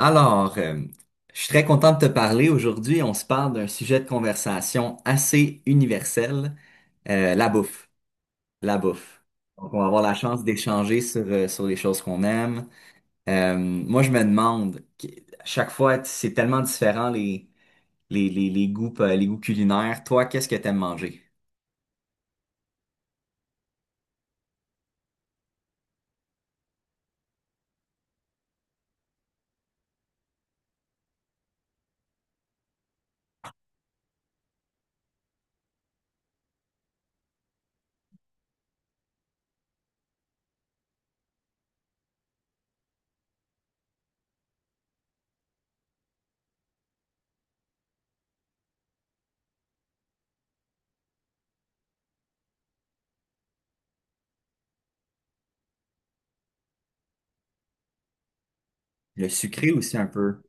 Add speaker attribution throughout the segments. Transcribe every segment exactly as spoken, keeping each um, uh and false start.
Speaker 1: Alors, euh, je suis très content de te parler. Aujourd'hui, on se parle d'un sujet de conversation assez universel, euh, la bouffe. La bouffe. Donc, on va avoir la chance d'échanger sur, euh, sur les choses qu'on aime. Euh, moi, je me demande, qu- à chaque fois, c'est tellement différent les, les, les, les goûts, euh, les goûts culinaires. Toi, qu'est-ce que t'aimes manger? Le sucré aussi un peu.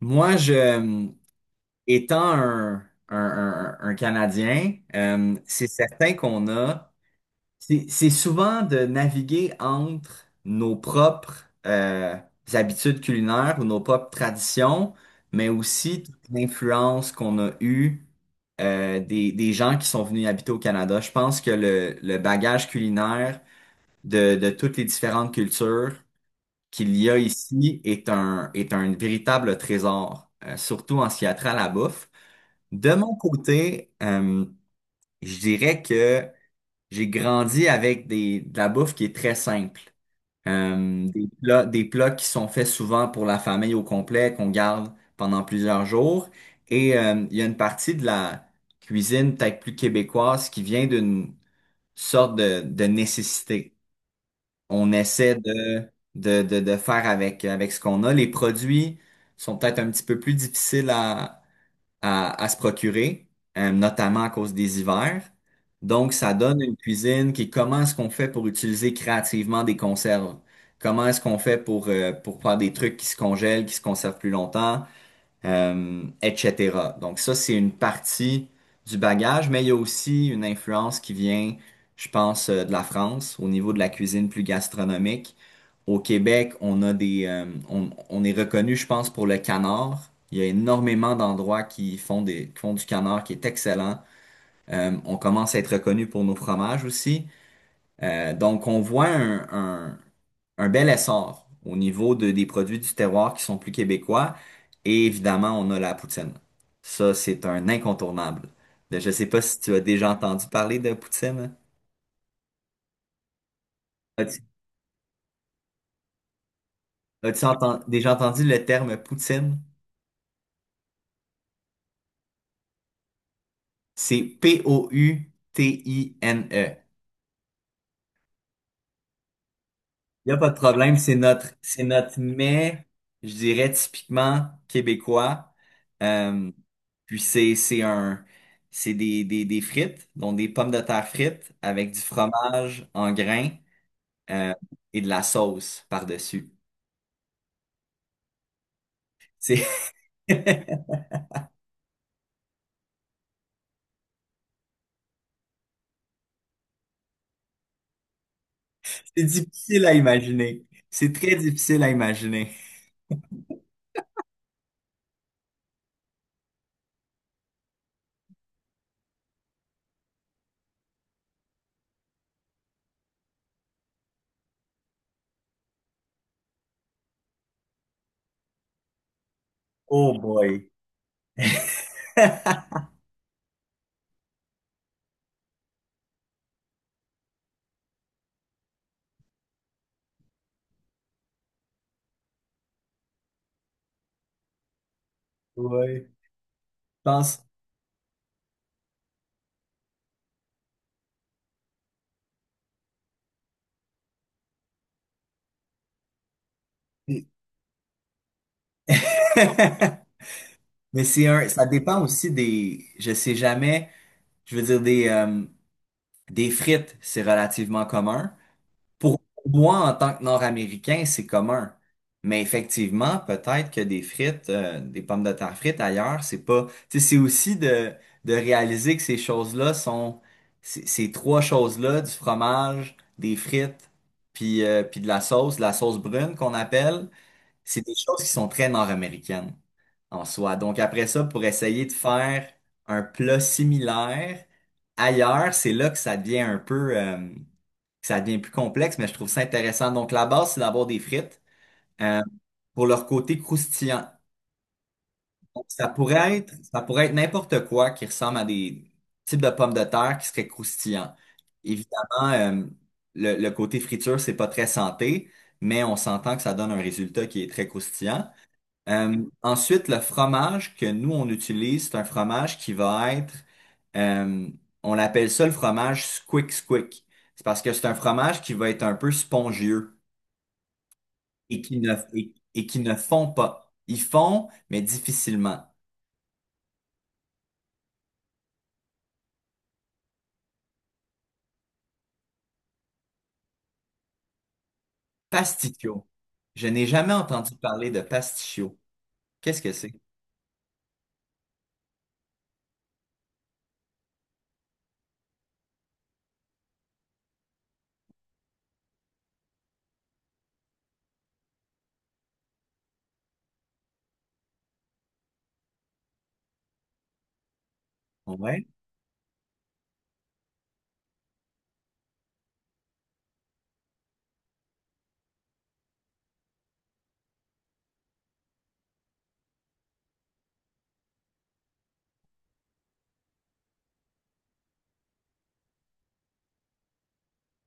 Speaker 1: Moi, je, étant un, un, un- un Canadien, euh, c'est certain qu'on a. C'est c'est souvent de naviguer entre nos propres euh, habitudes culinaires ou nos propres traditions, mais aussi toute l'influence qu'on a eue euh, des, des gens qui sont venus habiter au Canada. Je pense que le, le bagage culinaire de, de toutes les différentes cultures qu'il y a ici est un, est un véritable trésor, euh, surtout en ce qui a trait à la bouffe. De mon côté, euh, je dirais que j'ai grandi avec des, de la bouffe qui est très simple. Euh, des plats, des plats qui sont faits souvent pour la famille au complet, qu'on garde pendant plusieurs jours. Et euh, il y a une partie de la cuisine peut-être plus québécoise qui vient d'une sorte de, de nécessité. On essaie de, de, de, de faire avec, avec ce qu'on a. Les produits sont peut-être un petit peu plus difficiles à, à, à se procurer, euh, notamment à cause des hivers. Donc, ça donne une cuisine qui est comment est-ce qu'on fait pour utiliser créativement des conserves? Comment est-ce qu'on fait pour, euh, pour faire des trucs qui se congèlent, qui se conservent plus longtemps? euh, et cetera Donc ça, c'est une partie du bagage, mais il y a aussi une influence qui vient, je pense, euh, de la France au niveau de la cuisine plus gastronomique. Au Québec, on a des, euh, on, on est reconnu, je pense, pour le canard. Il y a énormément d'endroits qui font des, qui font du canard qui est excellent. Euh, on commence à être reconnu pour nos fromages aussi. Euh, donc, on voit un, un- un bel essor au niveau de- des produits du terroir qui sont plus québécois. Et évidemment, on a la poutine. Ça, c'est un incontournable. Je ne sais pas si tu as déjà entendu parler de poutine. As-tu as-tu enten- Déjà entendu le terme poutine? C'est P-O-U-T-I-N-E. Il n'y a pas de problème, c'est notre, c'est notre mets, je dirais, typiquement québécois. Euh, Puis c'est, c'est un, c'est des, des, des frites, donc des pommes de terre frites avec du fromage en grains euh, et de la sauce par-dessus. C'est c'est difficile à imaginer. C'est très difficile à imaginer. Oh boy. Ouais. Je pense. Mais c'est un, ça dépend aussi des, je sais jamais, je veux dire des, euh, des frites, c'est relativement commun. Pour moi, en tant que Nord-Américain, c'est commun. Mais effectivement, peut-être que des frites, euh, des pommes de terre frites ailleurs, c'est pas. Tu sais, c'est aussi de, de réaliser que ces choses-là sont. c- Ces trois choses-là, du fromage, des frites, puis, euh, puis de la sauce, de la sauce brune qu'on appelle, c'est des choses qui sont très nord-américaines en soi. Donc après ça, pour essayer de faire un plat similaire ailleurs, c'est là que ça devient un peu, euh, que ça devient plus complexe, mais je trouve ça intéressant. Donc la base, c'est d'avoir des frites euh, pour leur côté croustillant. Donc, ça pourrait être, ça pourrait être n'importe quoi qui ressemble à des types de pommes de terre qui seraient croustillants. Évidemment, euh, le, le côté friture, c'est pas très santé, mais on s'entend que ça donne un résultat qui est très croustillant. Euh, ensuite, le fromage que nous, on utilise, c'est un fromage qui va être, euh, on l'appelle ça le fromage squick squick. C'est parce que c'est un fromage qui va être un peu spongieux et qui ne, et, et qui ne fond pas. Ils fond, mais difficilement. Pasticcio. Je n'ai jamais entendu parler de pasticcio. Qu'est-ce que c'est? Ouais,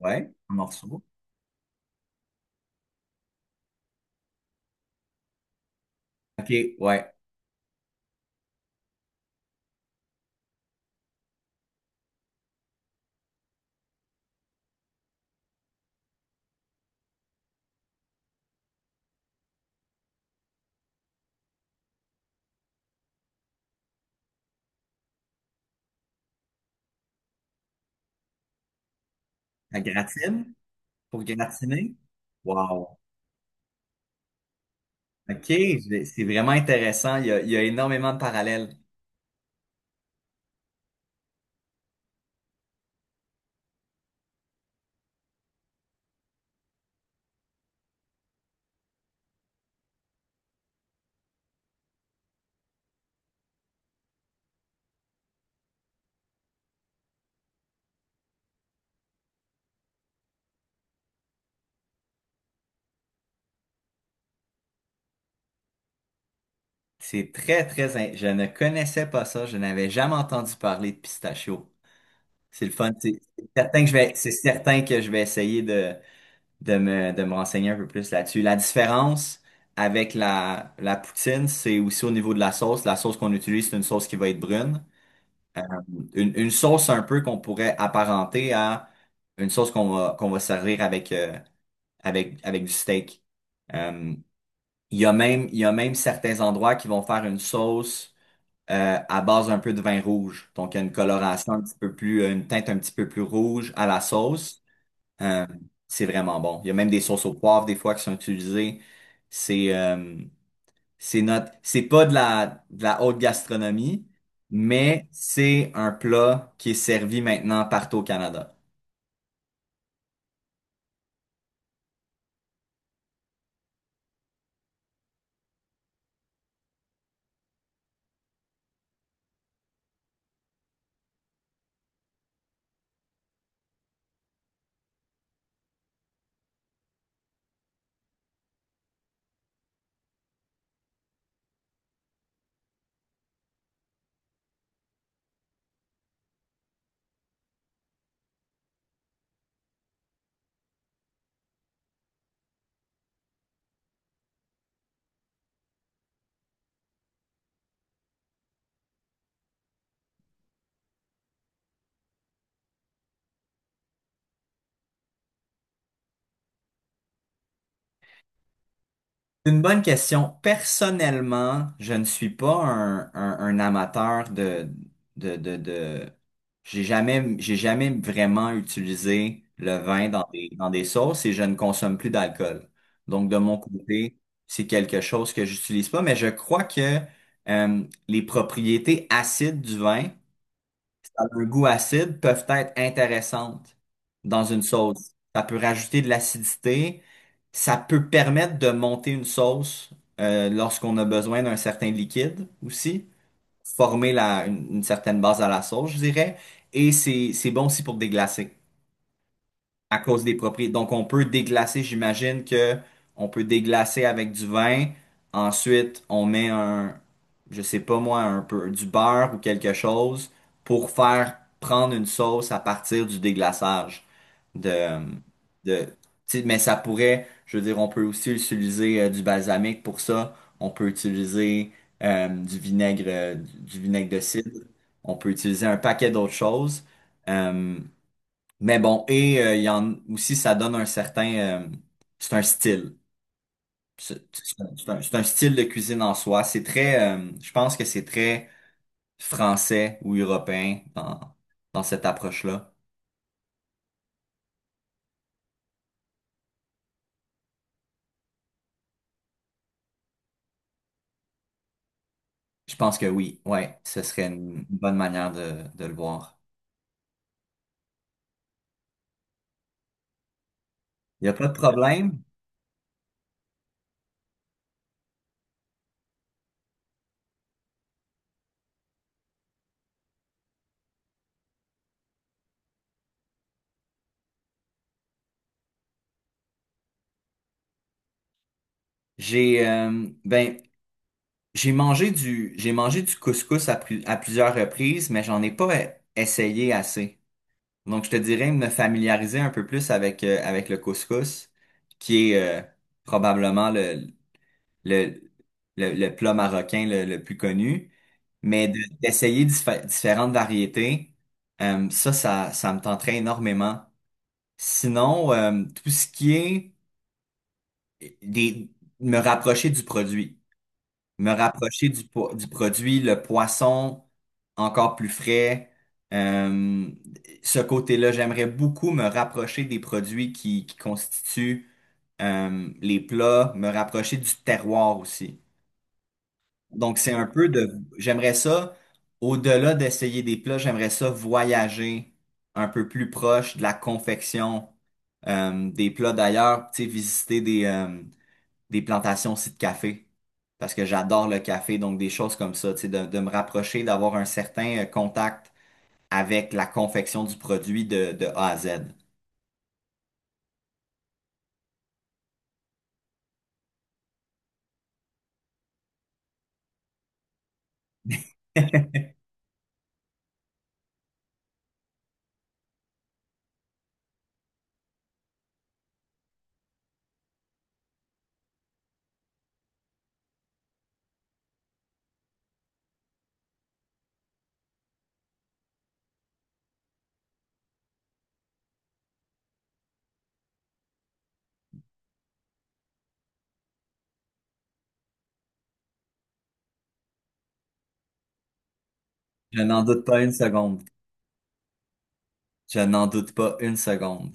Speaker 1: ouais, un morceau. OK, ouais. La gratine pour gratiner. Wow. OK, je- c'est vraiment intéressant. Il y a, il y a énormément de parallèles. C'est très, très... in- Je ne connaissais pas ça. Je n'avais jamais entendu parler de pistachio. C'est le fun. C'est c'est certain que je vais, c'est certain que je vais essayer de, de me, de me renseigner un peu plus là-dessus. La différence avec la, la poutine, c'est aussi au niveau de la sauce. La sauce qu'on utilise, c'est une sauce qui va être brune. Une, une sauce un peu qu'on pourrait apparenter à une sauce qu'on va, qu'on va servir avec, euh, avec, avec du steak. Euh, Il y a même, il y a même certains endroits qui vont faire une sauce euh, à base un peu de vin rouge. Donc, il y a une coloration un petit peu plus, euh, une teinte un petit peu plus rouge à la sauce. Euh, c'est vraiment bon. Il y a même des sauces au poivre des fois qui sont utilisées. C'est euh, c'est notre, c'est pas de la, de la haute gastronomie, mais c'est un plat qui est servi maintenant partout au Canada. C'est une bonne question. Personnellement, je ne suis pas un, un- un amateur de, de, de, de... J'ai jamais, j'ai jamais vraiment utilisé le vin dans des, dans des sauces et je ne consomme plus d'alcool. Donc, de mon côté, c'est quelque chose que j'utilise pas, mais je crois que euh, les propriétés acides du vin dans un goût acide peuvent être intéressantes dans une sauce. Ça peut rajouter de l'acidité, ça peut permettre de monter une sauce euh, lorsqu'on a besoin d'un certain liquide aussi, former la- une, une certaine base à la sauce, je dirais, et c'est c'est bon aussi pour déglacer à cause des propriétés. Donc, on peut déglacer, j'imagine que on peut déglacer avec du vin. Ensuite, on met un, je sais pas moi, un peu du beurre ou quelque chose pour faire prendre une sauce à partir du déglaçage de, de, tu sais, mais ça pourrait, je veux dire, on peut aussi utiliser euh, du balsamique pour ça. On peut utiliser euh, du vinaigre, euh, du du vinaigre de cidre. On peut utiliser un paquet d'autres choses. Euh, mais bon, et euh, il y en aussi, ça donne un certain, euh, c'est un style. C'est c'est un, c'est un- style de cuisine en soi. C'est très, euh, je pense que c'est très français ou européen dans, dans cette approche-là. Je pense que oui, ouais, ce serait une une bonne manière de, de le voir. Il n'y a pas de problème. J'ai, euh, ben, j'ai mangé du, j'ai mangé du couscous à, plus- à plusieurs reprises, mais j'en ai pas essayé assez. Donc, je te dirais me familiariser un peu plus avec, euh, avec le couscous, qui est euh, probablement le, le, le, le plat marocain le, le plus connu, mais de- d'essayer diffé- différentes variétés, euh, ça, ça, ça me tenterait énormément. Sinon, euh, tout ce qui est des, me rapprocher du produit, me rapprocher du, po- du produit, le poisson encore plus frais. Euh, Ce côté-là, j'aimerais beaucoup me rapprocher des produits qui, qui constituent euh, les plats, me rapprocher du terroir aussi. Donc, c'est un peu de... J'aimerais ça, au-delà d'essayer des plats, j'aimerais ça voyager un peu plus proche de la confection euh, des plats d'ailleurs, tu sais, visiter des, euh, des plantations aussi de café. Parce que j'adore le café, donc des choses comme ça, tu sais, de, de me rapprocher, d'avoir un certain euh, contact avec la confection du produit de, de A à Z. Je n'en doute pas une seconde. Je n'en doute pas une seconde.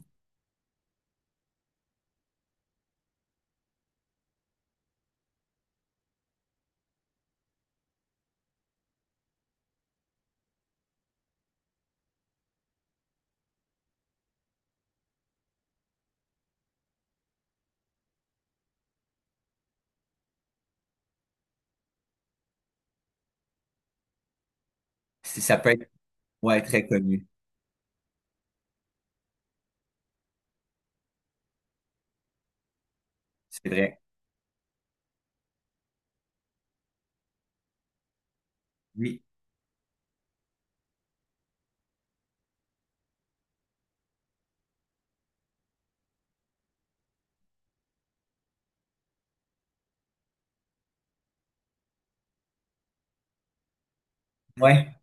Speaker 1: Si ça peut être, ouais, très connu. C'est vrai. Oui. Ouais,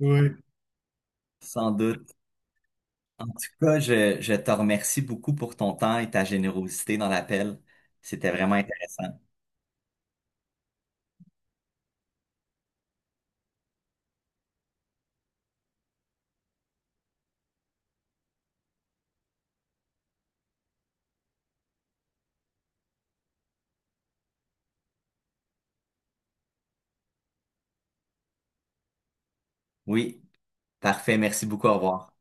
Speaker 1: oui. Sans doute. En tout cas, je, je te remercie beaucoup pour ton temps et ta générosité dans l'appel. C'était vraiment intéressant. Oui, parfait. Merci beaucoup. Au revoir.